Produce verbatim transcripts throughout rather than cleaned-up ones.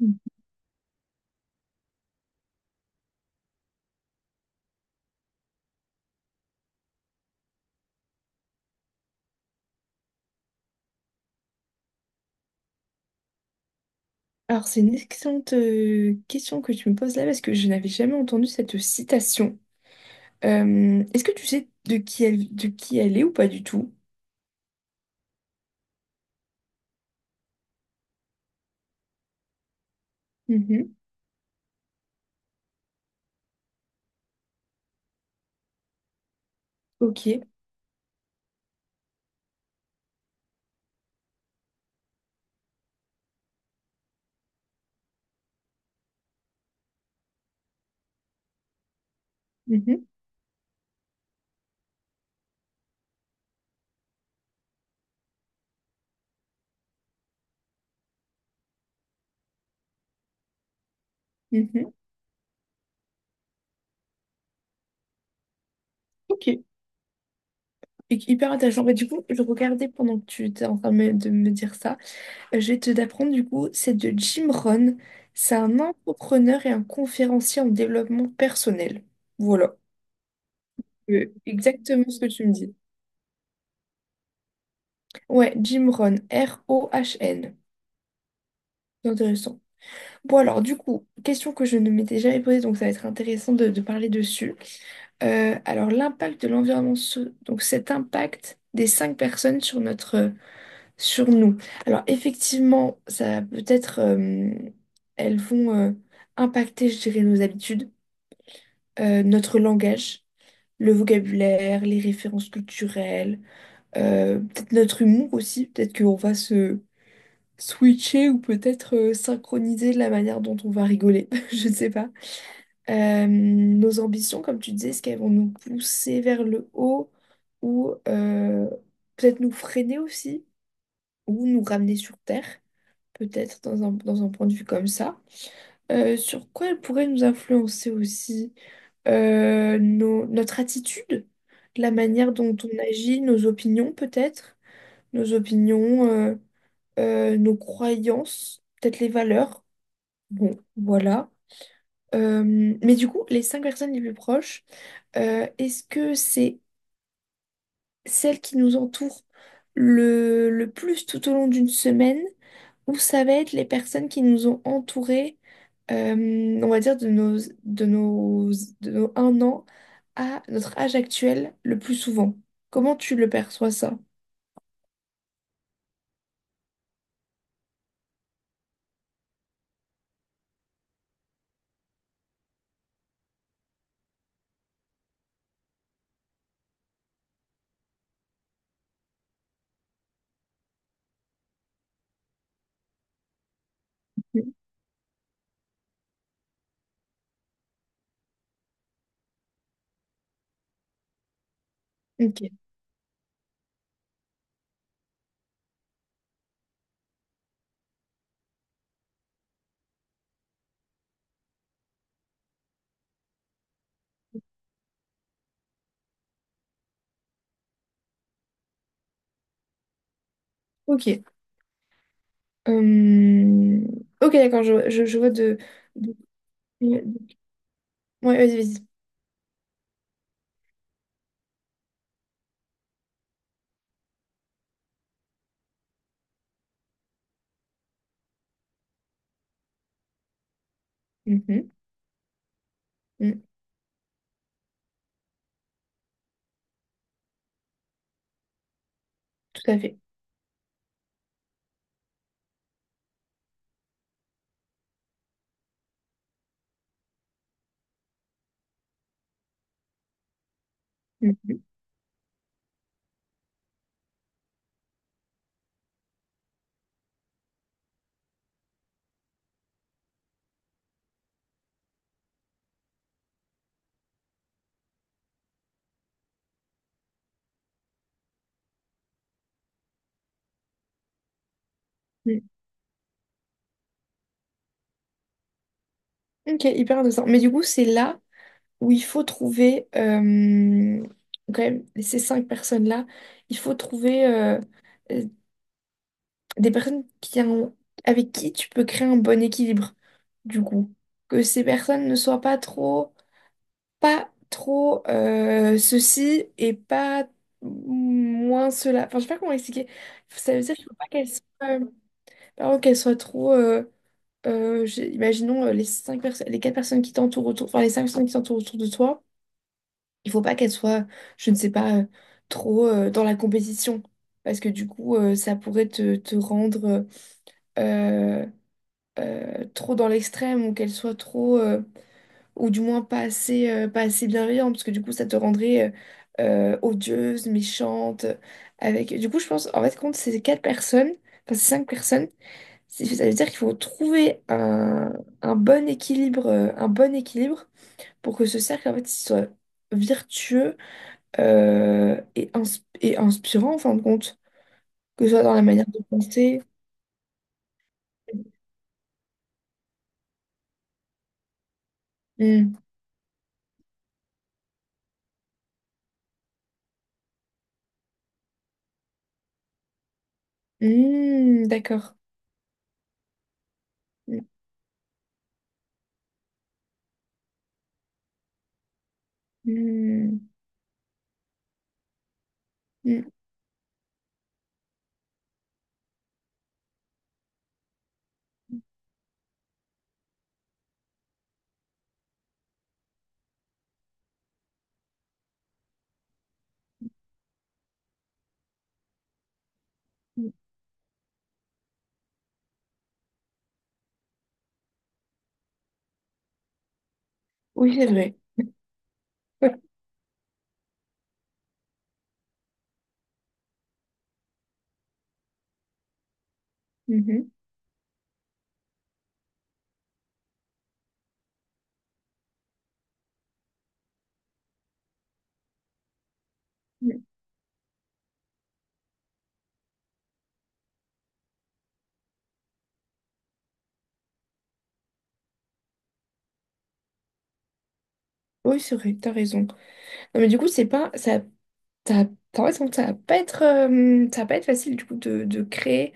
Mm. Alors, c'est une excellente euh, question que tu me poses là parce que je n'avais jamais entendu cette citation. Euh, est-ce que tu sais de qui elle, de qui elle est ou pas du tout? Mhm. Ok. Mhm. Mhm. Ok. Hy- Hyper intéressant. Bah, du coup, je regardais pendant que tu étais en train de me de me dire ça. Euh, je vais te d'apprendre du coup, c'est de Jim Rohn. C'est un entrepreneur et un conférencier en développement personnel. Voilà. Euh, exactement ce que tu me dis. Ouais, Jim Rohn. R O H N. C'est intéressant. Bon alors du coup, question que je ne m'étais jamais posée, donc ça va être intéressant de, de parler dessus. Euh, alors l'impact de l'environnement, sur- donc cet impact des cinq personnes sur notre, sur nous. Alors effectivement, ça peut être, euh, elles vont euh, impacter, je dirais, nos habitudes, euh, notre langage, le vocabulaire, les références culturelles, euh, peut-être notre humour aussi, peut-être qu'on va se switcher ou peut-être euh, synchroniser la manière dont on va rigoler, je ne sais pas. Euh, nos ambitions, comme tu disais, est-ce qu'elles vont nous pousser vers le haut ou euh, peut-être nous freiner aussi ou nous ramener sur Terre, peut-être dans un, dans un point de vue comme ça. Euh, sur quoi elles pourraient nous influencer aussi. Euh, nos- notre attitude, la manière dont on agit, nos opinions peut-être, nos opinions, euh, euh, nos croyances, peut-être les valeurs. Bon, voilà. Euh, mais du coup, les cinq personnes les plus proches, euh, est-ce que c'est celles qui nous entourent le, le plus tout au long d'une semaine ou ça va être les personnes qui nous ont entourés, euh, on va dire, de nos, de nos, de nos un an à notre âge actuel le plus souvent? Comment tu le perçois ça? Mhm. Ok, ok. Euh, Ok, d'accord, je, je, je vois. de... de- Ouais, vas-y, vas-y. Mhm, mhm, tout à fait. Mhm, mhm. Ok, hyper intéressant. Mais du coup, c'est là où il faut trouver, euh, quand même, ces cinq personnes-là, il faut trouver euh, euh, des personnes qui ont- avec qui tu peux créer un bon équilibre, du coup. Que ces personnes ne soient pas trop, pas trop euh, ceci et pas moins cela. Enfin, je sais pas comment expliquer. Ça veut dire qu'il faut pas qu'elles soient, euh, pardon, qu'elles soient trop... euh, euh, j'ai- imaginons euh, les cinq personnes, les quatre personnes qui t'entourent autour, enfin les cinq personnes qui t'entourent autour de toi, il faut pas qu'elles soient, je ne sais pas, euh, trop euh, dans la compétition. Parce que du coup, euh, ça pourrait te, te rendre euh, euh, trop dans l'extrême ou qu'elles soient trop, euh, ou du moins pas assez, euh, pas assez bienveillantes. Parce que du coup, ça te rendrait euh, euh, odieuse, méchante. Avec... Du coup, je pense, en fait, compte ces quatre personnes, enfin ces cinq personnes, c'est- ça veut dire qu'il faut trouver un, un bon équilibre, euh, un bon équilibre pour que ce cercle en fait, il soit vertueux euh, et, ins- et inspirant en fin de compte, que ce soit dans la manière de penser. Hmm. Hmm, d'accord. Hmm, hmm, hmm. Hmm. Oui, c'est vrai. Ouais. Mhm. Hmm. Oui, c'est vrai, t'as raison. Non, mais du coup, c'est pas, ça, ça, en fait, ça va pas être, euh, ça va pas être facile du coup de, de créer.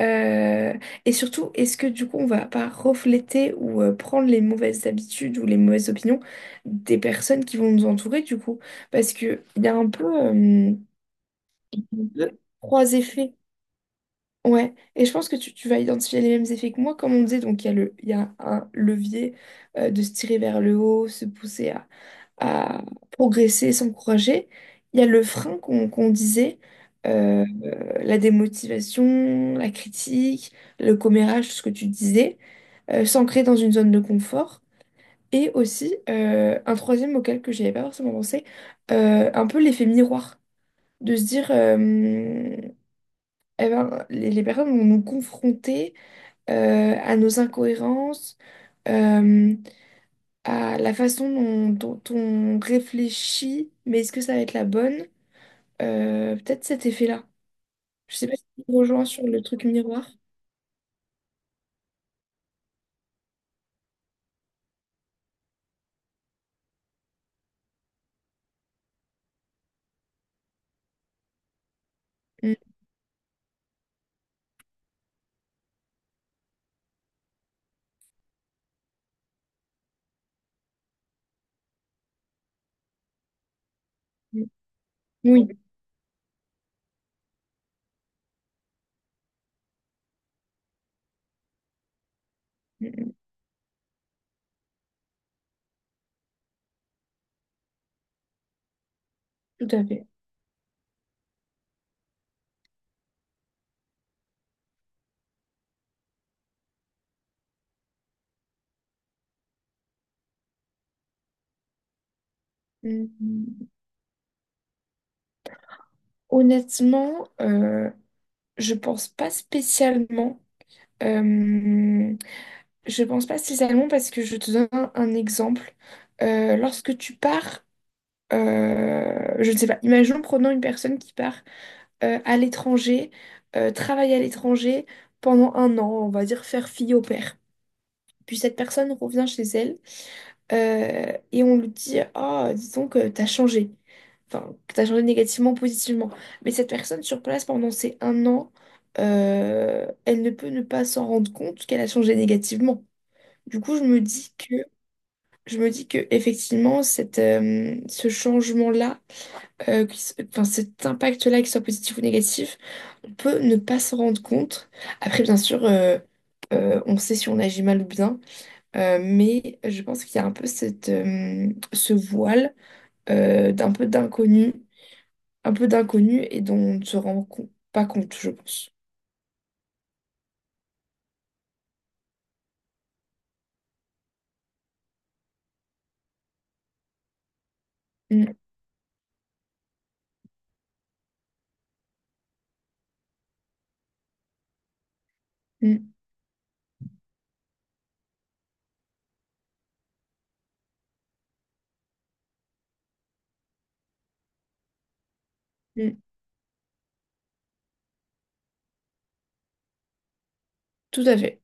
Euh, et surtout, est-ce que du coup, on va pas refléter ou euh, prendre les mauvaises habitudes ou les mauvaises opinions des personnes qui vont nous entourer du coup? Parce que il y a un peu euh, trois effets. Ouais, et je pense que tu, tu vas identifier les mêmes effets que moi, comme on disait. Donc, il y a le, il y a un levier euh, de se tirer vers le haut, se pousser à à progresser et s'encourager. Il y a le frein qu'on qu'on disait, euh, la démotivation, la critique, le commérage, tout ce que tu disais, euh, s'ancrer dans une zone de confort. Et aussi, euh, un troisième auquel que j'avais pas forcément pensé, euh, un peu l'effet miroir, de se dire, euh, eh ben, les, les personnes vont nous confronter euh, à nos incohérences, euh, à la façon dont, dont on réfléchit, mais est-ce que ça va être la bonne? Euh, peut-être cet effet-là. Je sais pas si tu me rejoins sur le truc miroir. Mm, mm. Oui, mm, mm, tout à fait. Mm, mm. Honnêtement, euh, je pense pas spécialement. Euh, je pense pas spécialement parce que je te donne un, un exemple. Euh, lorsque tu pars, euh, je ne sais pas, imaginons prenons une personne qui part euh, à l'étranger, euh, travaille à l'étranger pendant un an, on va dire faire fille au père. Puis cette personne revient chez elle euh, et on lui dit, ah, disons que t'as changé. Enfin, que t'as changé négativement, positivement. Mais cette personne sur place pendant ces un an, euh, elle ne peut ne pas s'en rendre compte qu'elle a changé négativement. Du coup, je me dis que, je me dis que effectivement, cette, euh, ce changement-là, euh, qui s- enfin, cet impact-là, qu'il soit positif ou négatif, on peut ne pas s'en rendre compte. Après, bien sûr, euh, euh, on sait si on agit mal ou bien. Euh, mais je pense qu'il y a un peu cette, euh, ce voile euh, d'un peu d'inconnu, un peu d'inconnu et dont on ne se rend com- pas compte, je pense. Mm, mm, mm. Tout à fait.